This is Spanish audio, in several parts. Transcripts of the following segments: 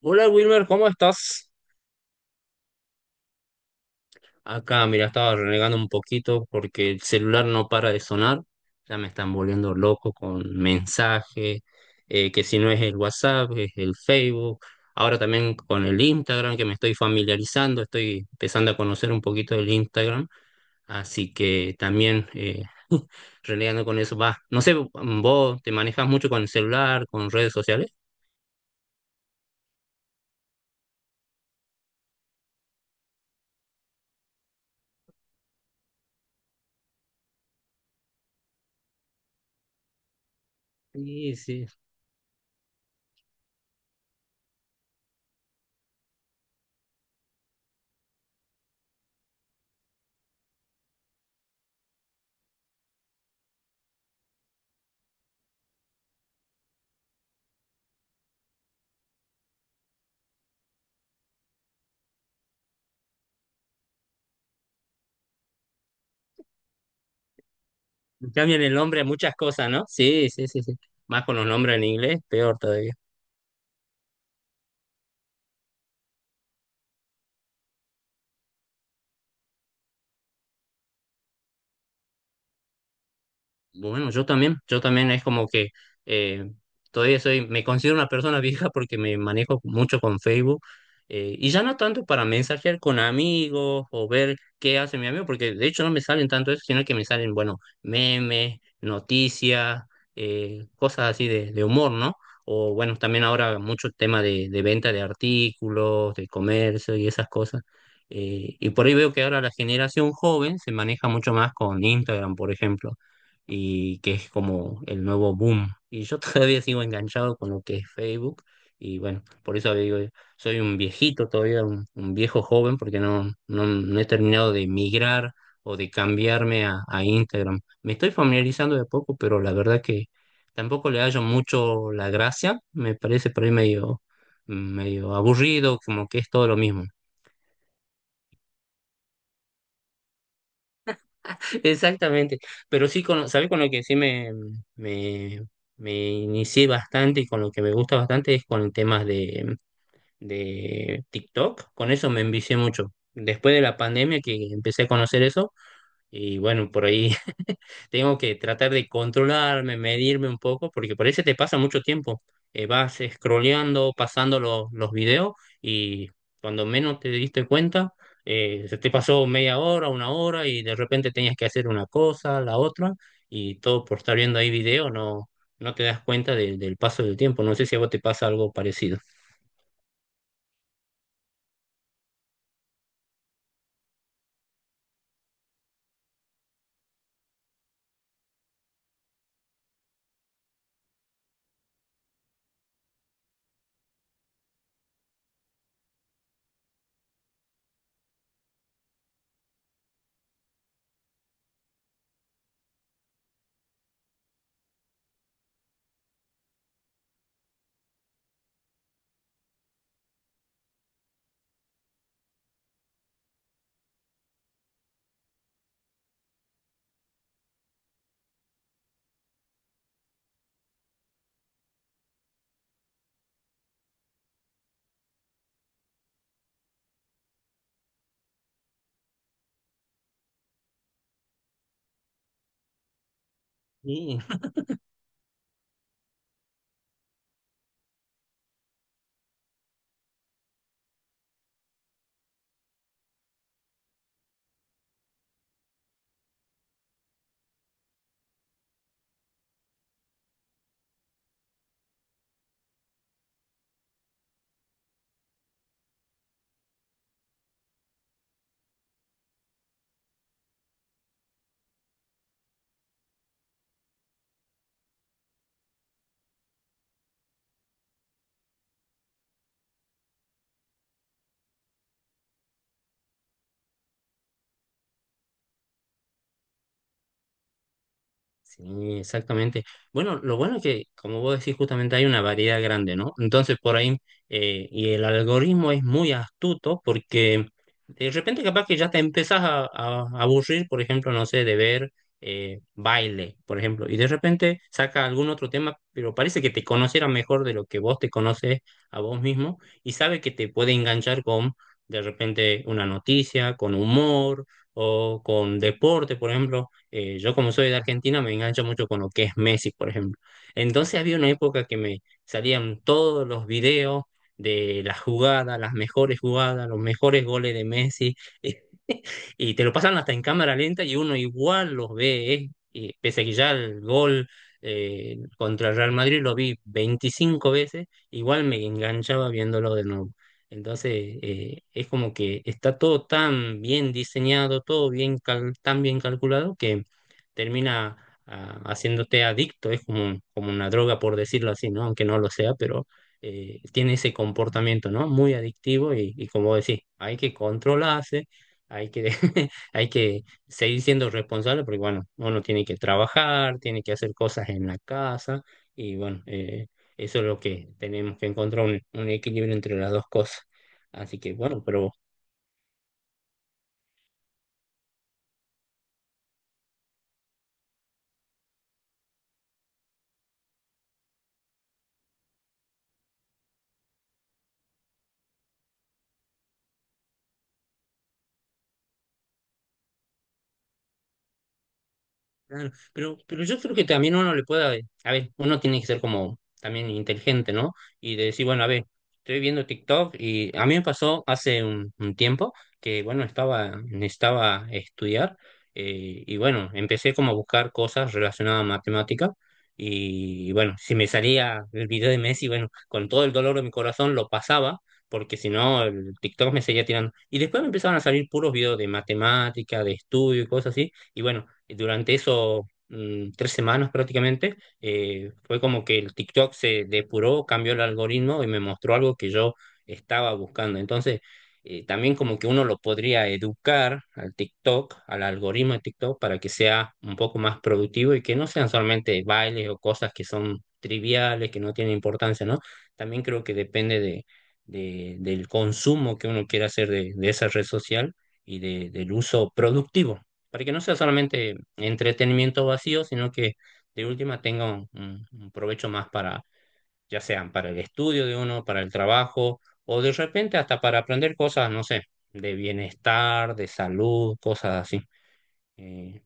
Hola Wilmer, ¿cómo estás? Acá, mira, estaba renegando un poquito porque el celular no para de sonar. Ya me están volviendo loco con mensajes. Que si no es el WhatsApp, es el Facebook. Ahora también con el Instagram, que me estoy familiarizando, estoy empezando a conocer un poquito del Instagram. Así que también, renegando con eso. Va, no sé, ¿vos te manejas mucho con el celular, con redes sociales? Sí, sí. Cambian el nombre a muchas cosas, ¿no? Sí, sí, sí, sí. Más con los nombres en inglés, peor todavía. Bueno, yo también es como que, eh, todavía soy, me considero una persona vieja porque me manejo mucho con Facebook, y ya no tanto para mensajear con amigos o ver qué hace mi amigo, porque de hecho no me salen tanto eso, sino que me salen, bueno, memes, noticias, cosas así de humor, ¿no? O bueno, también ahora mucho tema de venta de artículos, de comercio y esas cosas. Y por ahí veo que ahora la generación joven se maneja mucho más con Instagram, por ejemplo, y que es como el nuevo boom. Y yo todavía sigo enganchado con lo que es Facebook, y bueno, por eso digo, soy un viejito todavía, un viejo joven porque no, no, no he terminado de migrar o de cambiarme a Instagram. Me estoy familiarizando de a poco, pero la verdad que tampoco le hallo mucho la gracia, me parece por ahí medio, medio aburrido, como que es todo lo mismo. Exactamente, pero sí, con, ¿sabes con lo que sí me, me inicié bastante y con lo que me gusta bastante es con temas de TikTok? Con eso me envicié mucho. Después de la pandemia que empecé a conocer eso, y bueno, por ahí tengo que tratar de controlarme, medirme un poco, porque por eso te pasa mucho tiempo. Vas scrolleando, pasando los videos y cuando menos te diste cuenta, se te pasó media hora, una hora y de repente tenías que hacer una cosa, la otra, y todo por estar viendo ahí video, no, no te das cuenta del paso del tiempo. No sé si a vos te pasa algo parecido. Sí. Sí, exactamente. Bueno, lo bueno es que, como vos decís, justamente hay una variedad grande, ¿no? Entonces, por ahí, y el algoritmo es muy astuto porque de repente capaz que ya te empezás a aburrir, por ejemplo, no sé, de ver, baile, por ejemplo, y de repente saca algún otro tema, pero parece que te conociera mejor de lo que vos te conoces a vos mismo y sabe que te puede enganchar con, de repente, una noticia, con humor o con deporte, por ejemplo. Yo como soy de Argentina me engancho mucho con lo que es Messi, por ejemplo. Entonces había una época que me salían todos los videos de las jugadas, las mejores jugadas, los mejores goles de Messi. Y te lo pasan hasta en cámara lenta y uno igual los ve, y pese a que ya el gol, contra el Real Madrid lo vi 25 veces, igual me enganchaba viéndolo de nuevo. Entonces, es como que está todo tan bien diseñado, todo bien tan bien calculado que termina, haciéndote adicto, es como, como una droga, por decirlo así, ¿no? Aunque no lo sea, pero, tiene ese comportamiento, ¿no? Muy adictivo y como decís, hay que controlarse, hay que, hay que seguir siendo responsable porque, bueno, uno tiene que trabajar, tiene que hacer cosas en la casa y, bueno, eso es lo que tenemos que encontrar, un equilibrio entre las dos cosas. Así que, bueno, pero claro, pero yo creo que también uno le pueda, a ver, uno tiene que ser como también inteligente, ¿no? Y de decir, bueno, a ver, estoy viendo TikTok y a mí me pasó hace un tiempo que, bueno, estaba, necesitaba estudiar, y bueno, empecé como a buscar cosas relacionadas a matemática y, bueno, si me salía el video de Messi, bueno, con todo el dolor de mi corazón lo pasaba. Porque si no, el TikTok me seguía tirando. Y después me empezaron a salir puros videos de matemática, de estudio y cosas así. Y bueno, durante esos, tres semanas prácticamente, fue como que el TikTok se depuró, cambió el algoritmo y me mostró algo que yo estaba buscando. Entonces, también como que uno lo podría educar al TikTok, al algoritmo de TikTok, para que sea un poco más productivo y que no sean solamente bailes o cosas que son triviales, que no tienen importancia, ¿no? También creo que depende de, del consumo que uno quiera hacer de esa red social y del uso productivo para que no sea solamente entretenimiento vacío, sino que de última tenga un, un provecho más para, ya sea para el estudio de uno, para el trabajo, o de repente hasta para aprender cosas, no sé, de bienestar, de salud, cosas así. Eh,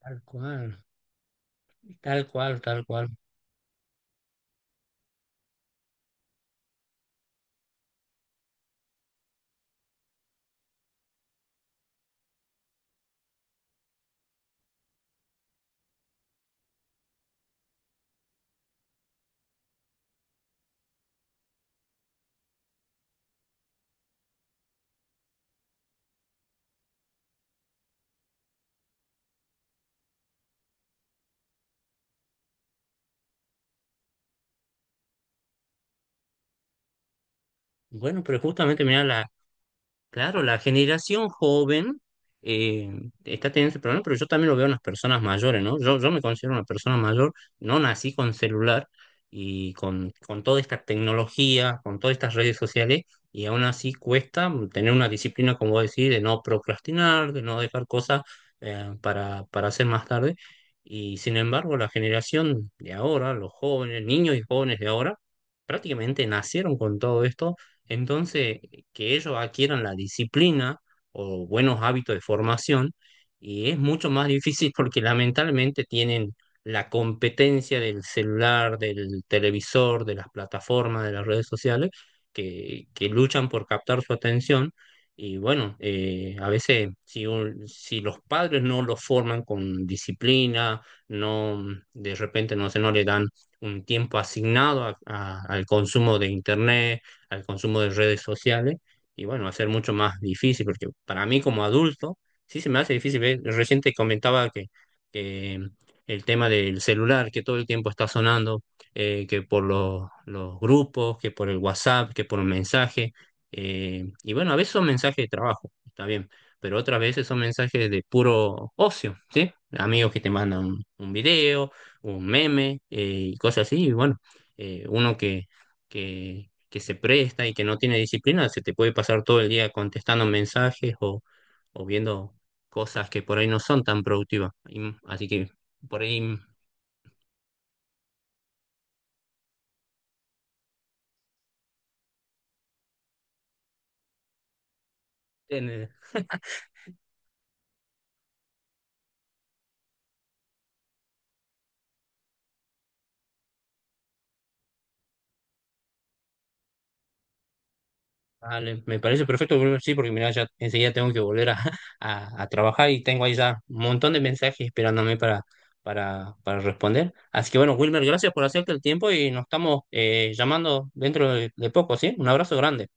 Tal cual, tal cual, tal cual. Bueno, pero justamente mira, claro, la generación joven, eh, está teniendo ese problema, pero yo también lo veo en las personas mayores, ¿no? Yo me considero una persona mayor, no nací con celular y con toda esta tecnología, con todas estas redes sociales, y aún así cuesta tener una disciplina, como decir, de no procrastinar, de no dejar cosas, para hacer más tarde. Y sin embargo, la generación de ahora, los jóvenes, niños y jóvenes de ahora, prácticamente nacieron con todo esto. Entonces, que ellos adquieran la disciplina o buenos hábitos de formación, y es mucho más difícil porque lamentablemente tienen la competencia del celular, del televisor, de las plataformas, de las redes sociales, que luchan por captar su atención. Y bueno, a veces si, si los padres no los forman con disciplina, no, de repente no sé, no le dan un tiempo asignado al consumo de internet, al consumo de redes sociales, y bueno, va a ser mucho más difícil, porque para mí como adulto sí se me hace difícil ver, recién te comentaba que, el tema del celular, que todo el tiempo está sonando, que por los grupos, que por el WhatsApp, que por un mensaje, y bueno, a veces son mensajes de trabajo, está bien, pero otras veces son mensajes de puro ocio, ¿sí? Amigos que te mandan un video, un meme, y cosas así, y bueno, uno que se presta y que no tiene disciplina, se te puede pasar todo el día contestando mensajes o viendo cosas que por ahí no son tan productivas. Así que por ahí ten- vale, me parece perfecto, Bruno, sí, porque mira, ya enseguida tengo que volver a, a trabajar y tengo ahí ya un montón de mensajes esperándome para responder. Así que bueno, Wilmer, gracias por hacerte el tiempo y nos estamos, llamando dentro de poco, ¿sí? Un abrazo grande.